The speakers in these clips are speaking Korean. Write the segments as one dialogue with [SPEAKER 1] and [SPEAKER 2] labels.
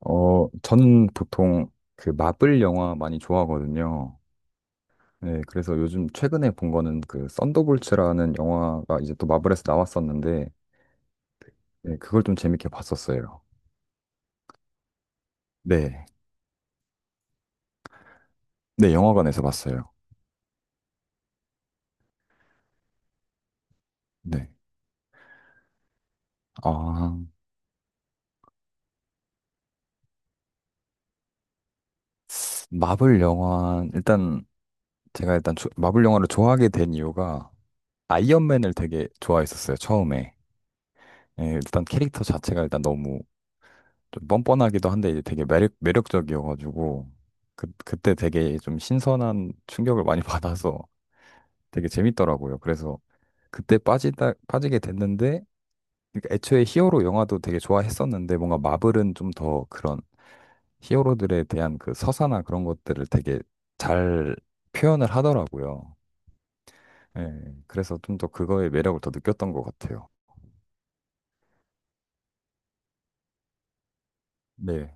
[SPEAKER 1] 저는 보통 그 마블 영화 많이 좋아하거든요. 네, 그래서 요즘 최근에 본 거는 그 썬더볼츠라는 영화가 이제 또 마블에서 나왔었는데, 네, 그걸 좀 재밌게 봤었어요. 네. 네, 영화관에서 봤어요. 네. 아, 마블 영화, 일단 제가 일단 마블 영화를 좋아하게 된 이유가 아이언맨을 되게 좋아했었어요, 처음에. 예, 일단 캐릭터 자체가 일단 너무 좀 뻔뻔하기도 한데 이제 되게 매력적이어가지고 그때 되게 좀 신선한 충격을 많이 받아서 되게 재밌더라고요. 그래서 그때 빠지게 됐는데 그러니까 애초에 히어로 영화도 되게 좋아했었는데 뭔가 마블은 좀 더 그런 히어로들에 대한 그 서사나 그런 것들을 되게 잘 표현을 하더라고요. 예, 그래서 좀 더 그거의 매력을 더 느꼈던 것 같아요. 네,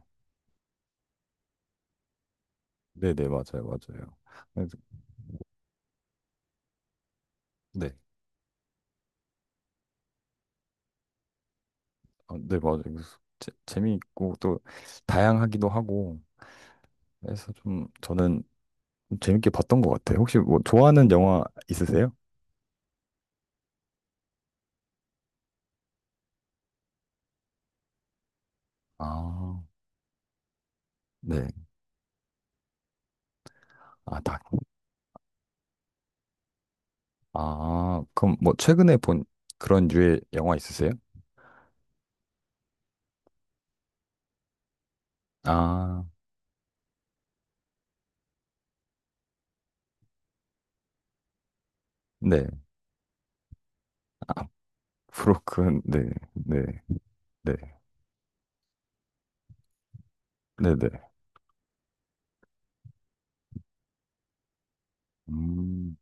[SPEAKER 1] 네네, 맞아요, 맞아요. 그래서- 네. 아, 네, 맞아요. 그래서 재미있고 또 다양하기도 하고 해서 좀 저는 좀 재밌게 봤던 것 같아요. 혹시 뭐 좋아하는 영화 있으세요? 아, 네. 아, 다. 아, 그럼 뭐 최근에 본 그런 류의 영화 있으세요? 아, 네. 브로큰, 네, 네, 네, 네, 네. 음,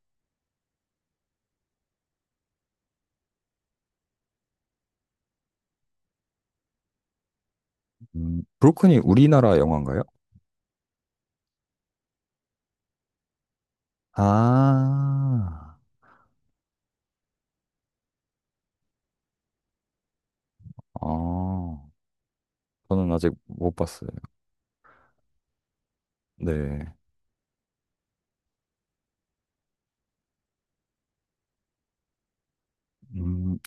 [SPEAKER 1] 브로큰이 우리나라 영화인가요? 아, 아, 저는 아직 못 봤어요. 네. 음,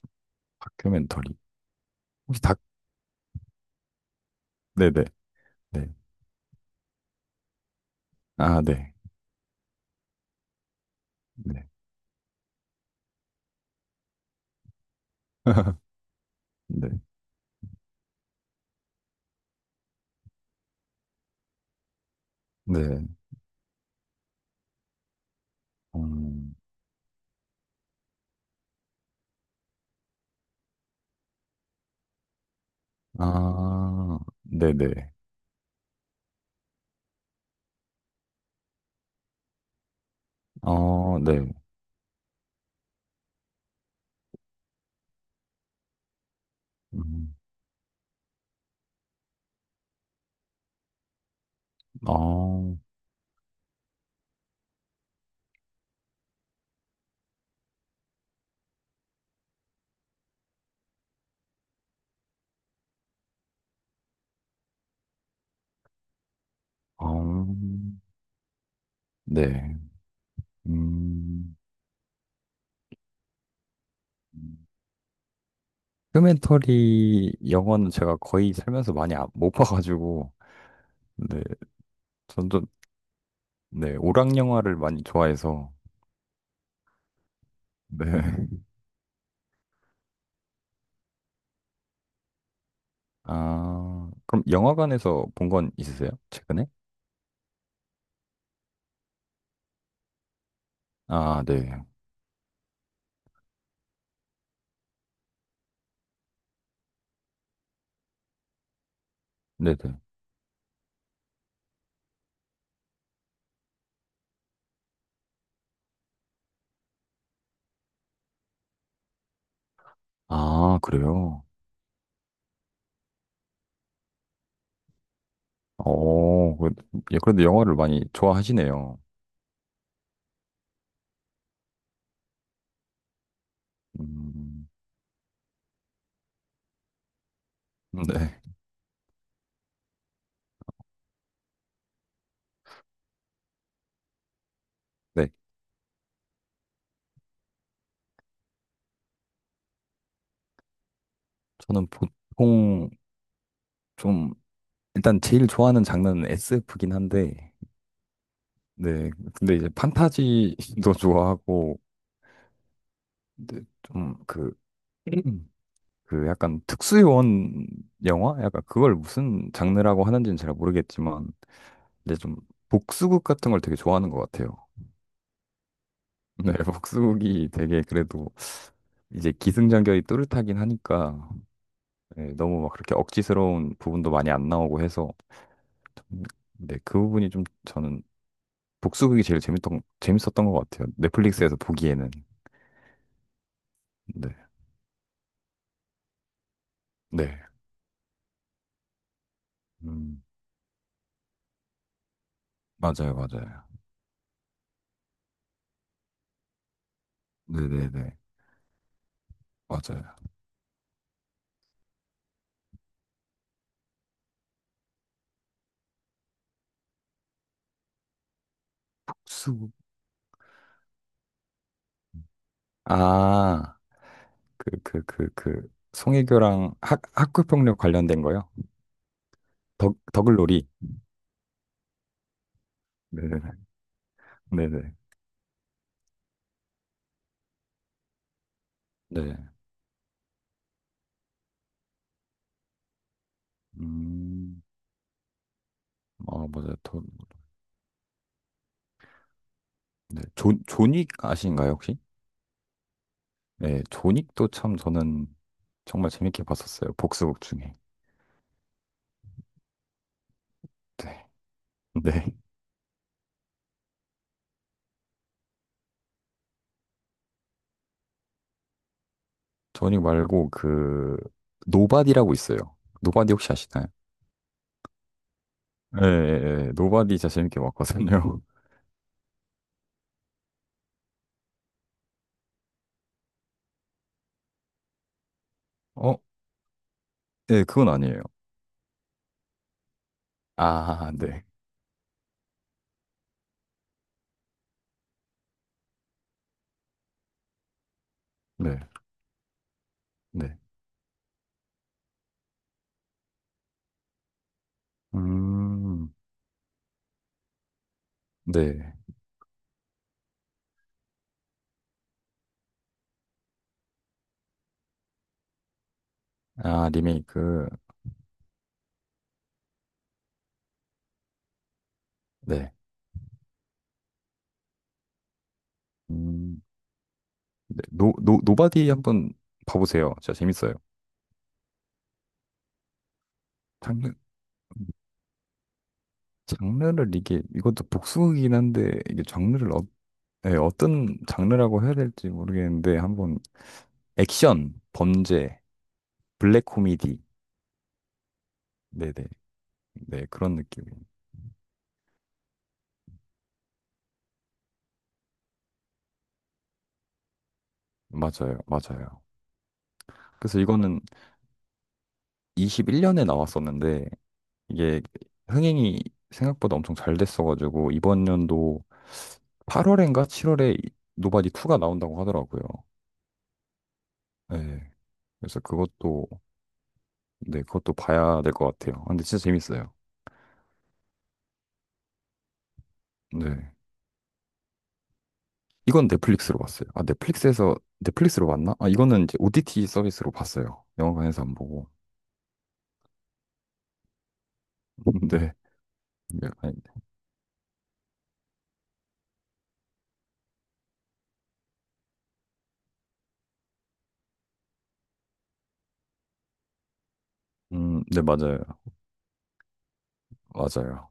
[SPEAKER 1] 다큐멘터리. 혹시 다, 네네. 네. 아, 네. 네. 네. 네. 음, 아, 네네. 어, 네. 음, 어, 어, 네. 음, 휴멘터리 영화는 제가 거의 살면서 많이 못 봐가지고, 네. 전좀 네. 오락 영화를 많이 좋아해서, 네. 아, 그럼 영화관에서 본 건 있으세요? 최근에? 아, 네. 네네. 아, 그래요? 어, 예, 그래도 영화를 많이 좋아하시네요. 음, 네. 네. 저는 보통 좀, 일단 제일 좋아하는 장르는 SF긴 한데, 네. 근데 이제 판타지도 좋아하고, 근데 좀 그, 음, 그 약간 특수요원 영화? 약간 그걸 무슨 장르라고 하는지는 잘 모르겠지만, 이제 좀 복수극 같은 걸 되게 좋아하는 것 같아요. 네, 복수극이 되게 그래도 이제 기승전결이 뚜렷하긴 하니까, 네, 너무 막 그렇게 억지스러운 부분도 많이 안 나오고 해서 좀- 네, 그 부분이 좀 저는 복수극이 제일 재밌던 재밌었던 것 같아요. 넷플릭스에서 보기에는 네, 네, 음, 맞아요, 맞아요. 네, 네, 네, 맞아요. 복수극 아, 그 송혜교랑 학 학교폭력 관련된 거요? 더 더글로리. 네, 네, 네, 네, 네. 음, 아 맞아요. 더, 네, 존 존윅 아신가요 혹시? 네, 조닉도 참 저는 정말 재밌게 봤었어요. 복수극 중에. 네. 네. 조닉 말고 그 노바디라고 있어요. 노바디 혹시 아시나요? 예, 예, 예. 노바디 진짜 재밌게 봤거든요. 어? 예, 그건 아니에요. 아, 네. 네. 네. 음. 네. 아, 리메이크. 네. 음. 네. 노바디 한번 봐보세요. 진짜 재밌어요. 장르, 장르를 이게, 이것도 복수극이긴 한데, 이게 장르를 네, 어떤 장르라고 해야 될지 모르겠는데 한번 액션, 범죄, 블랙 코미디, 네네, 네 그런 느낌. 맞아요, 맞아요. 그래서 이거는 21년에 나왔었는데 이게 흥행이 생각보다 엄청 잘 됐어가지고 이번 연도 8월인가 7월에 노바디 2가 나온다고 하더라고요. 네, 그래서 그것도 네 그것도 봐야 될 것 같아요. 아, 근데 진짜 재밌어요. 네. 이건 넷플릭스로 봤어요. 아, 넷플릭스에서, 넷플릭스로 봤나? 아, 이거는 이제 OTT 서비스로 봤어요. 영화관에서 안 보고. 네. 네, 아니, 네, 맞아요. 맞아요.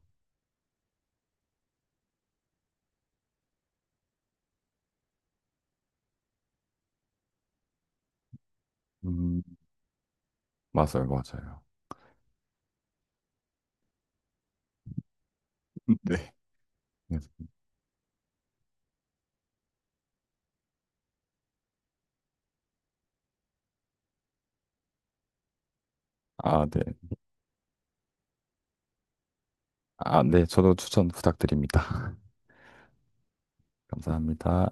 [SPEAKER 1] 음, 맞아요. 맞아요. 네. 그래서- 아, 네. 아, 네. 저도 추천 부탁드립니다. 감사합니다.